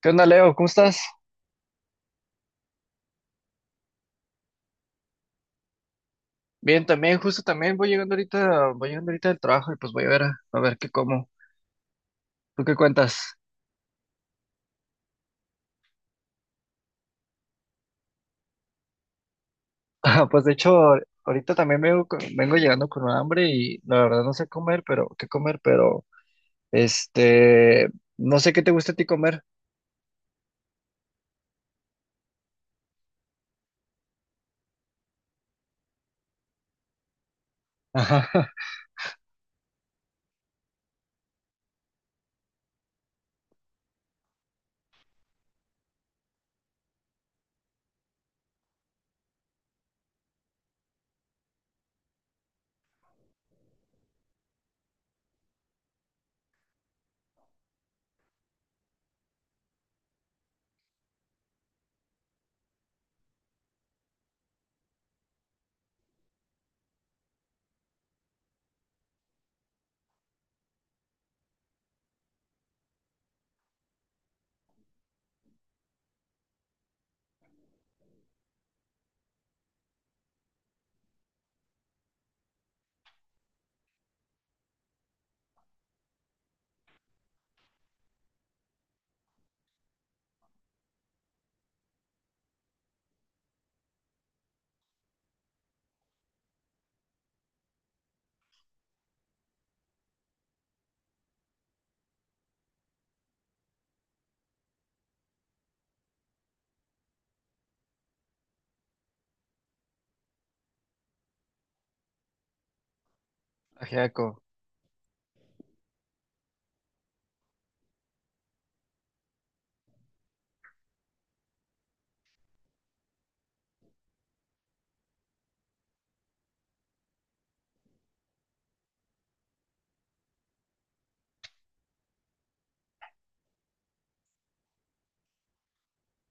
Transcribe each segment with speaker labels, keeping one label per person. Speaker 1: ¿Qué onda, Leo? ¿Cómo estás? Bien, también, justo también voy llegando ahorita del trabajo y pues voy a ver, a ver qué como. ¿Tú qué cuentas? Ah, pues de hecho, ahorita también vengo, vengo llegando con hambre y la verdad no sé comer, pero qué comer, pero este, no sé qué te gusta a ti comer. Ajá. Ajiaco.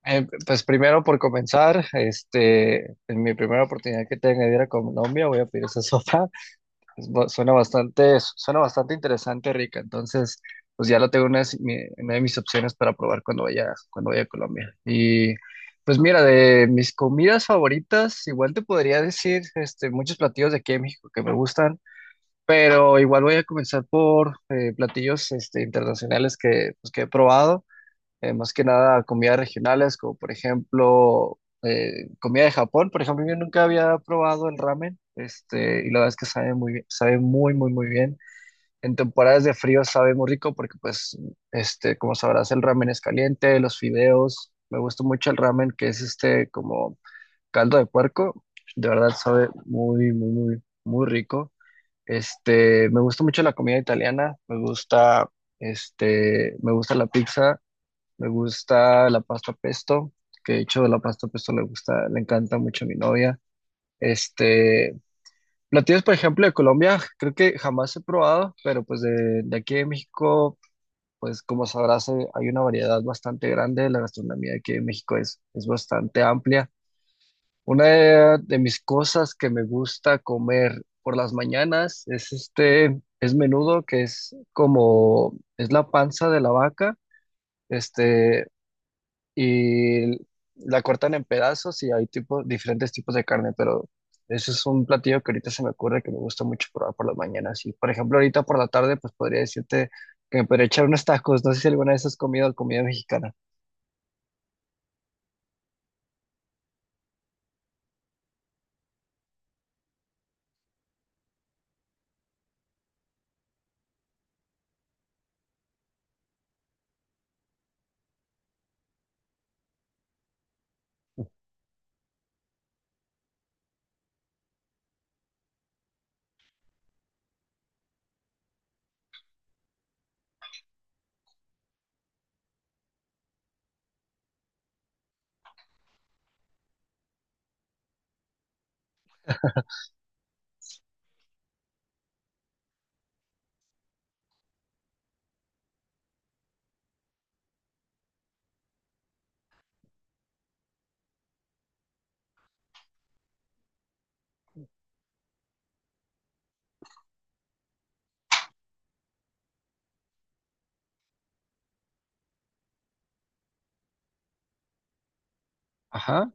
Speaker 1: Pues primero por comenzar, en mi primera oportunidad que tenga de ir a Colombia voy a pedir esa sopa. Suena bastante interesante. Rica. Entonces, pues ya lo tengo en una, de si, mi- una de mis opciones para probar cuando vaya a Colombia. Y pues mira, de mis comidas favoritas, igual te podría decir muchos platillos de aquí de México que me gustan, pero igual voy a comenzar por platillos internacionales que, pues, que he probado más que nada comidas regionales, como por ejemplo comida de Japón. Por ejemplo, yo nunca había probado el ramen, y la verdad es que sabe muy bien, sabe muy, muy, muy bien. En temporadas de frío sabe muy rico porque, pues, como sabrás, el ramen es caliente, los fideos. Me gusta mucho el ramen, que es este como caldo de puerco. De verdad sabe muy, muy, muy, muy rico. Me gusta mucho la comida italiana, me gusta, me gusta la pizza, me gusta la pasta pesto, que de hecho la pasta pesto le gusta, le encanta mucho a mi novia. Este, Platillos, por ejemplo, de Colombia, creo que jamás he probado, pero pues de aquí de México, pues como sabrás, hay una variedad bastante grande. La gastronomía de aquí de México es bastante amplia. De mis cosas que me gusta comer por las mañanas es es menudo, que es como, es la panza de la vaca. Este, y la cortan en pedazos y hay tipo, diferentes tipos de carne, pero eso es un platillo que ahorita se me ocurre que me gusta mucho probar por las mañanas. Y por ejemplo, ahorita por la tarde, pues podría decirte que me podría echar unos tacos. No sé si alguna vez has comido comida mexicana. Ajá.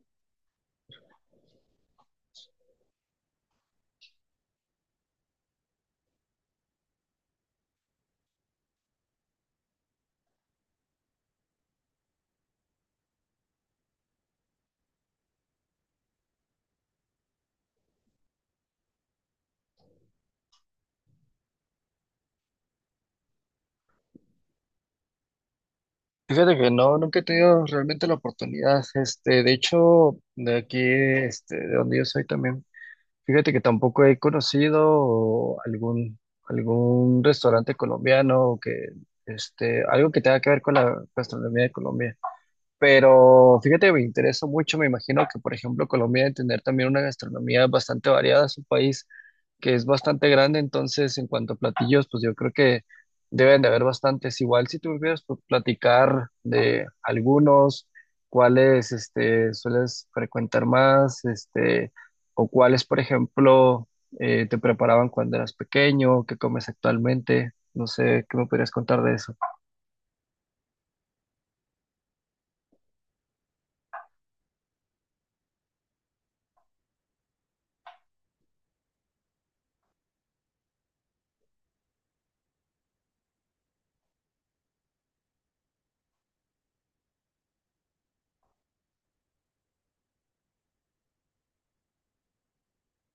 Speaker 1: Fíjate que no, nunca he tenido realmente la oportunidad. De hecho, de aquí, de donde yo soy también. Fíjate que tampoco he conocido algún, algún restaurante colombiano que, algo que tenga que ver con la gastronomía de Colombia. Pero fíjate, me interesa mucho. Me imagino que, por ejemplo, Colombia debe tener también una gastronomía bastante variada. Es un país que es bastante grande, entonces, en cuanto a platillos, pues yo creo que deben de haber bastantes. Igual, si tú me pudieras pues, platicar de algunos, cuáles sueles frecuentar más, o cuáles, por ejemplo, te preparaban cuando eras pequeño, qué comes actualmente. No sé, ¿qué me podrías contar de eso?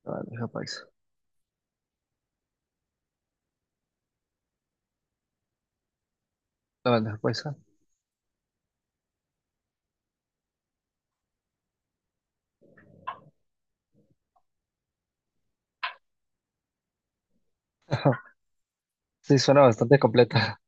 Speaker 1: La bandeja paisa. La bandeja paisa. Sí, suena bastante completa.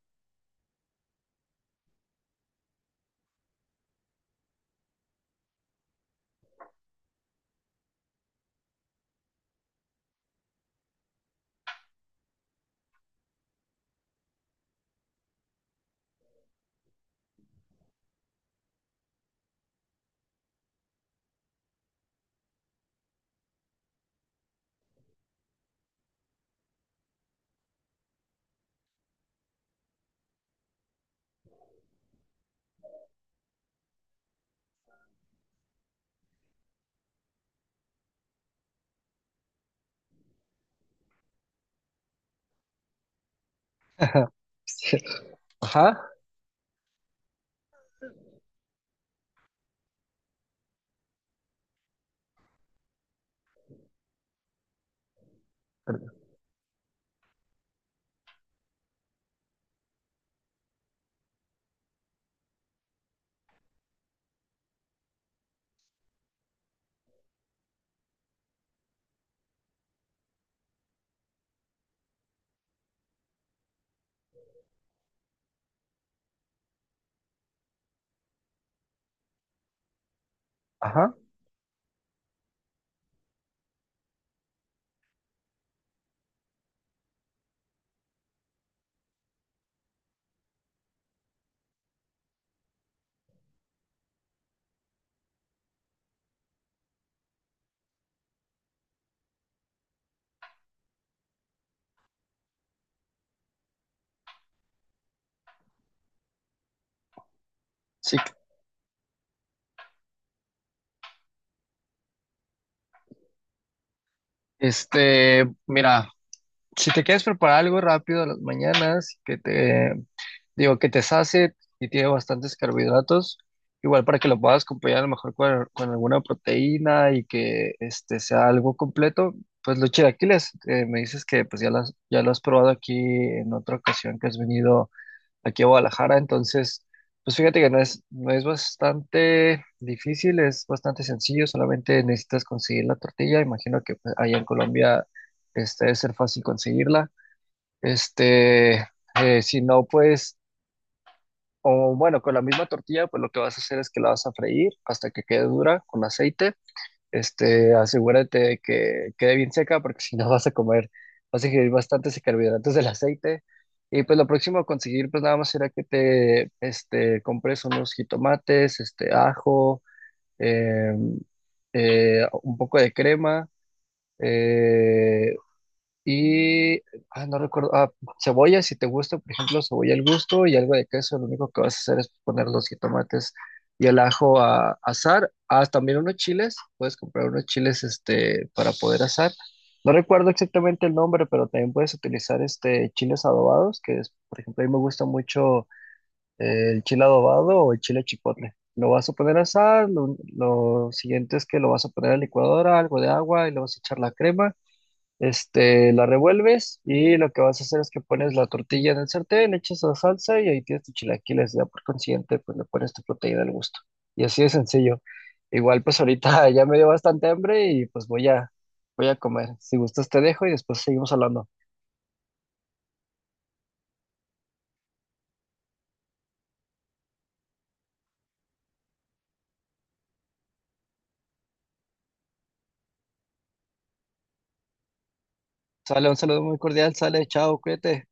Speaker 1: Sí. Ajá, perdón, ajá. Sí, mira, si te quieres preparar algo rápido a las mañanas, que te, digo, que te sacie y tiene bastantes carbohidratos, igual para que lo puedas acompañar a lo mejor con alguna proteína y que este sea algo completo, pues los chilaquiles, me dices que pues ya las, ya lo has probado aquí en otra ocasión que has venido aquí a Guadalajara, entonces, pues fíjate que no es, no es bastante difícil, es bastante sencillo, solamente necesitas conseguir la tortilla, imagino que pues, allá en Colombia debe ser fácil conseguirla, este, si no, pues, o bueno, con la misma tortilla, pues lo que vas a hacer es que la vas a freír hasta que quede dura con aceite, asegúrate de que quede bien seca porque si no vas a comer, vas a ingerir bastantes carbohidratos del aceite. Y pues lo próximo a conseguir, pues nada más será que te, compres unos jitomates, ajo, em, un poco de crema, eh, y, no recuerdo, cebolla si te gusta, por ejemplo, cebolla al gusto y algo de queso, lo único que vas a hacer es poner los jitomates y el ajo a asar. Ah, también unos chiles, puedes comprar unos chiles para poder asar. No recuerdo exactamente el nombre, pero también puedes utilizar chiles adobados, que es, por ejemplo, a mí me gusta mucho el chile adobado o el chile chipotle. Lo vas a poner a asar, lo siguiente es que lo vas a poner a la licuadora, algo de agua y le vas a echar la crema la revuelves y lo que vas a hacer es que pones la tortilla en el sartén, le echas la salsa y ahí tienes tus chilaquiles. Ya por consiguiente, pues le pones tu proteína al gusto. Y así de sencillo. Igual, pues ahorita ya me dio bastante hambre y pues voy a, voy a comer. Si gustas, te dejo y después seguimos hablando. Sale, un saludo muy cordial, sale, chao, cuídate.